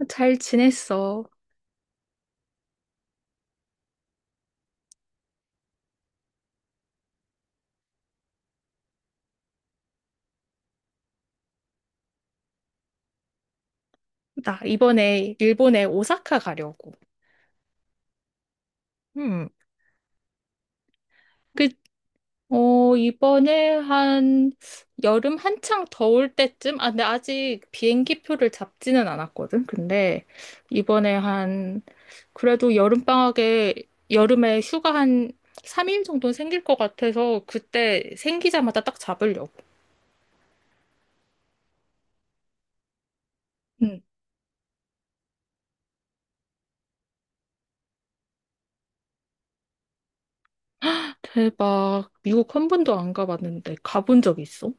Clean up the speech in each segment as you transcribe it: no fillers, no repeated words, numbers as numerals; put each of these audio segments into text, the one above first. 어, 잘 지냈어. 나 이번에 일본에 오사카 가려고. 음. 그, 어, 이번에 한 여름 한창 더울 때쯤? 아, 근데 아직 비행기 표를 잡지는 않았거든. 이번에 한, 그래도 여름에 휴가 한 3일 정도 는 생길 것 같아서 그때 생기자마자 딱 잡으려고. 음. 대박. 미국 한 번도 안 가봤는데 가본 적 있어?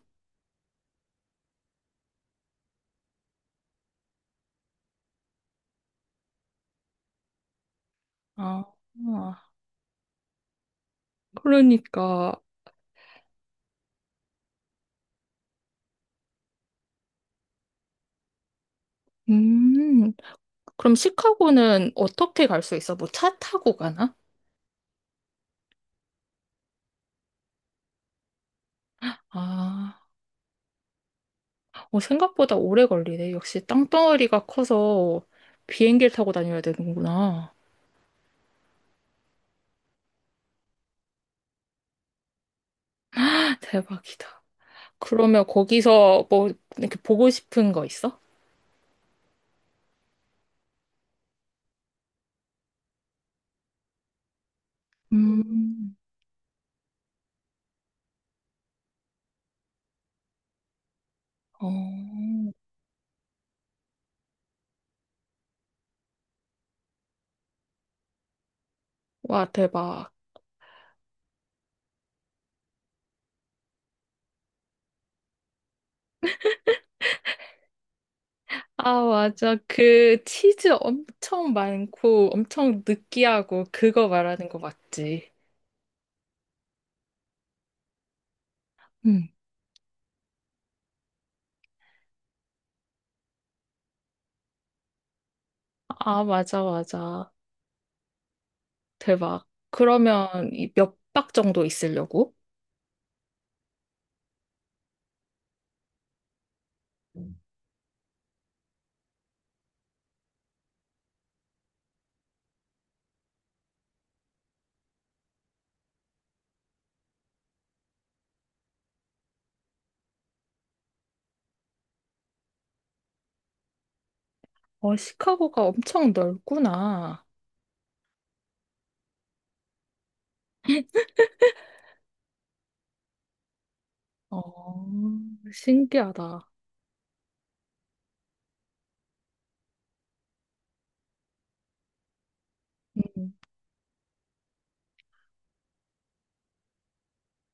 아, 아. 그러니까. 음, 그럼 시카고는 어떻게 갈 수 있어? 뭐 차 타고 가나? 아, 어, 생각보다 오래 걸리네. 역시 땅덩어리가 커서 비행기를 타고 다녀야 되는구나. 대박이다. 그러면 거기서 뭐 이렇게 보고 싶은 거 있어? 음, 어, 와, 대박. 아, 맞아. 그 치즈 엄청 많고 엄청 느끼하고 그거 말하는 거 맞지? 응. 아, 맞아, 맞아. 대박. 그러면 몇 박 정도 있으려고? 어, 시카고가 엄청 넓구나. 어, 신기하다. 음,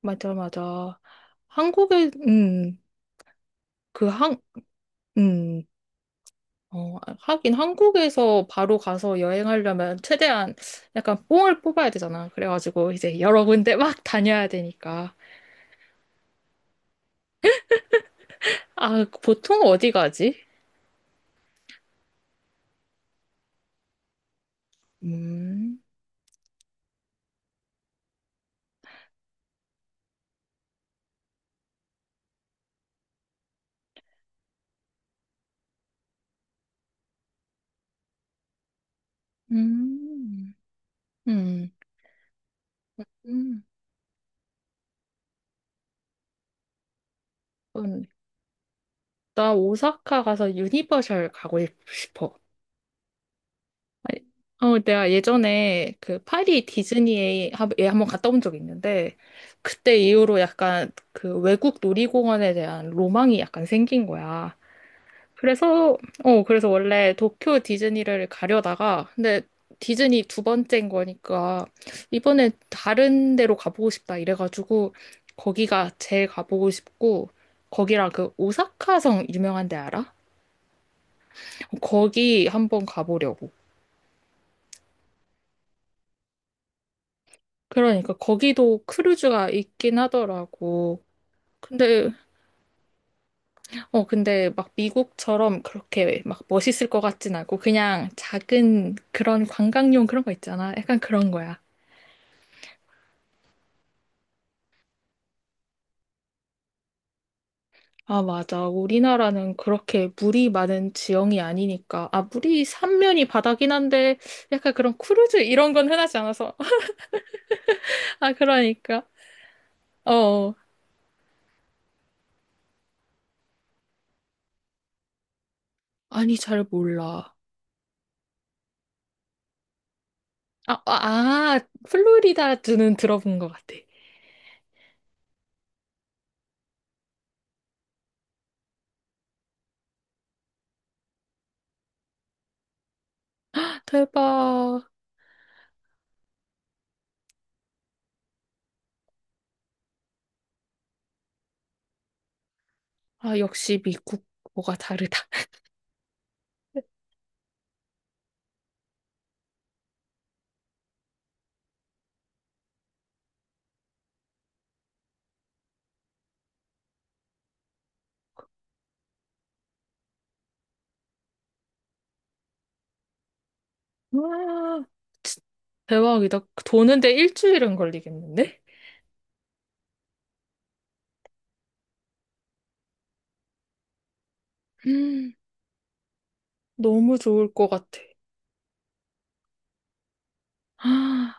맞아, 맞아. 한국에, 음, 그 한, 음, 어, 하긴 한국에서 바로 가서 여행하려면 최대한 약간 뽕을 뽑아야 되잖아. 그래가지고 이제 여러 군데 막 다녀야 되니까. 아, 보통 어디 가지? 음, 음, 음, 음. 나 오사카 가서 유니버셜 가고 싶어. 아니, 어, 내가 예전에 그 파리 디즈니에 예, 한번 갔다 온 적이 있는데, 그때 이후로 약간 그 외국 놀이공원에 대한 로망이 약간 생긴 거야. 그래서, 그래서 원래 도쿄 디즈니를 가려다가, 근데 디즈니 두 번째인 거니까, 이번에 다른 데로 가보고 싶다 이래가지고, 거기가 제일 가보고 싶고, 거기랑 그 오사카성 유명한 데 알아? 거기 한번 가보려고. 그러니까 거기도 크루즈가 있긴 하더라고. 근데, 어, 근데 막 미국처럼 그렇게 막 멋있을 것 같진 않고 그냥 작은 그런 관광용 그런 거 있잖아. 약간 그런 거야. 아, 맞아. 우리나라는 그렇게 물이 많은 지형이 아니니까. 아, 물이 삼면이 바다긴 한데 약간 그런 크루즈 이런 건 흔하지 않아서. 아, 그러니까. 어, 어. 아니, 잘 몰라. 아, 아, 아, 플로리다주는 들어본 것 같아. 대박. 아, 역시 미국 뭐가 다르다. 와, 진- 대박이다. 도는데 일주일은 걸리겠는데? 음, 너무 좋을 것 같아. 아,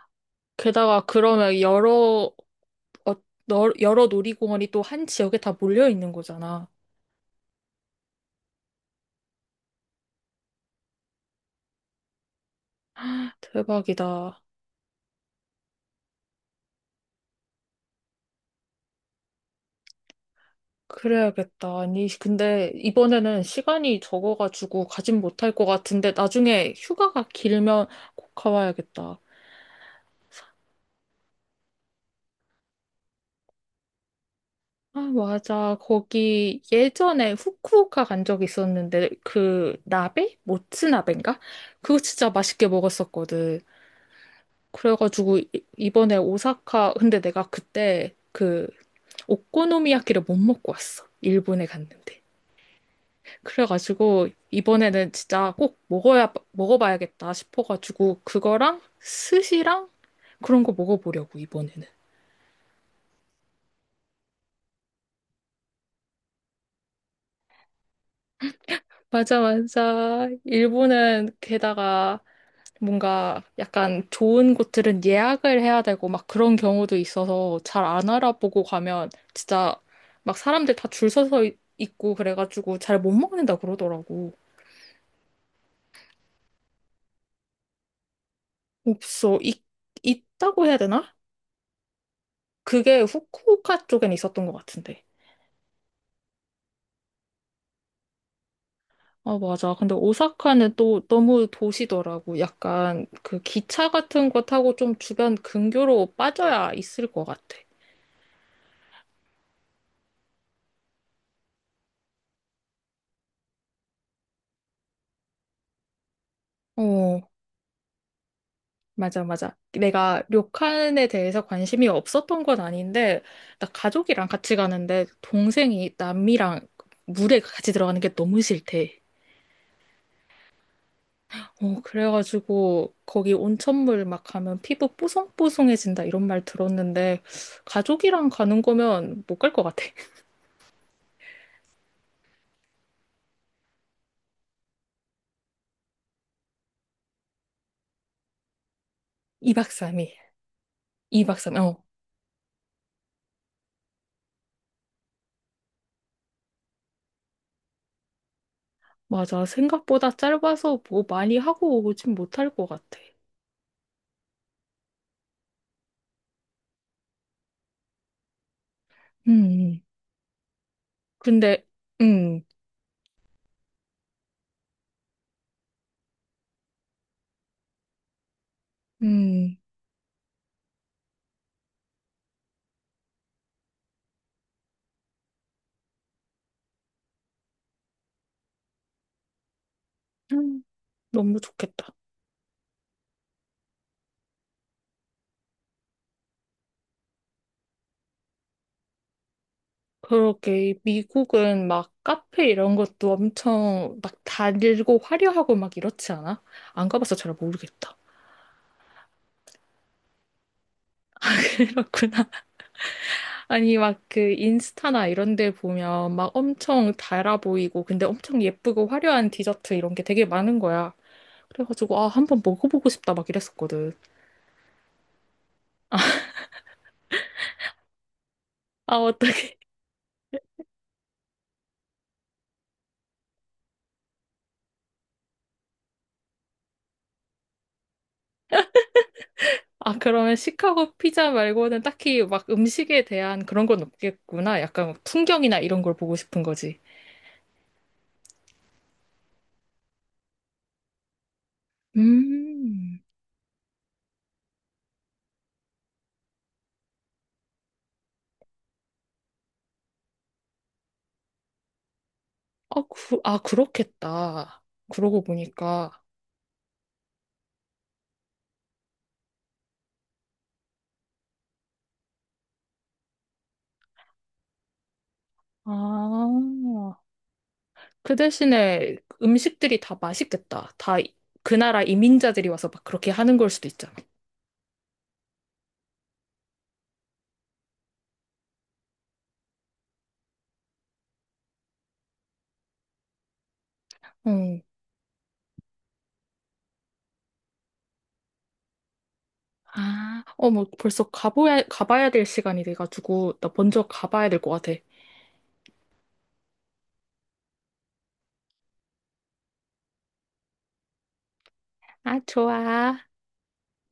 게다가 그러면 어, 여러 놀이공원이 또 한 지역에 다 몰려 있는 거잖아. 대박이다. 그래야겠다. 아니, 근데 이번에는 시간이 적어가지고 가진 못할 것 같은데 나중에 휴가가 길면 꼭 가봐야겠다. 아, 맞아. 거기 예전에 후쿠오카 간 적 있었는데, 그, 나베? 모츠나베인가? 그거 진짜 맛있게 먹었었거든. 그래가지고, 이- 이번에 오사카, 근데 내가 그때 그, 오코노미야키를 못 먹고 왔어. 일본에 갔는데. 그래가지고, 이번에는 진짜 꼭 먹어봐야겠다 싶어가지고, 그거랑 스시랑 그런 거 먹어보려고, 이번에는. 맞아, 맞아. 뭔가 약간 좋은 곳들은 예약을 해야 되고 막 그런 경우도 있어서 잘 안 알아보고 가면 진짜 막 사람들 다 줄 서서 있고 그래가지고 잘 못 먹는다 그러더라고. 없어. 있다고 해야 되나? 그게 후쿠오카 쪽엔 있었던 것 같은데. 아, 맞아. 근데 오사카는 또 너무 도시더라고. 약간 그 기차 같은 거 타고 좀 주변 근교로 빠져야 있을 것 같아. 어, 맞아, 맞아. 내가 료칸에 대해서 관심이 없었던 건 아닌데, 나 가족이랑 같이 가는데, 동생이 남미랑 물에 같이 들어가는 게 너무 싫대. 어, 그래가지고, 거기 온천물 막 가면 피부 뽀송뽀송해진다, 이런 말 들었는데, 가족이랑 가는 거면 못 갈 것 같아. 2박 3일. 2박 3일. 어, 맞아. 생각보다 짧아서 뭐 많이 하고 오진 못할 것 같아. 음, 근데, 음, 음, 음. 너무 좋겠다. 그러게 미국은 막 카페 이런 것도 엄청 막 달고 화려하고 막 이렇지 않아? 안 가봐서 잘 모르겠다. 그렇구나. 아니 막 그 인스타나 이런 데 보면 막 엄청 달아 보이고 근데 엄청 예쁘고 화려한 디저트 이런 게 되게 많은 거야. 그래가지고 아 한번 먹어보고 싶다 막 이랬었거든. 아 어떡해. 아 그러면 시카고 피자 말고는 딱히 막 음식에 대한 그런 건 없겠구나. 약간 뭐 풍경이나 이런 걸 보고 싶은 거지. 음. 아, 아, 그렇겠다. 그러고 보니까. 아, 그 대신에 음식들이 다 맛있겠다. 다 그 나라 이민자들이 와서 막 그렇게 하는 걸 수도 있잖아. 응. 아, 어, 뭐 벌써 가봐야 될 시간이 돼가지고, 나 먼저 가봐야 될 것 같아. 아, 좋아.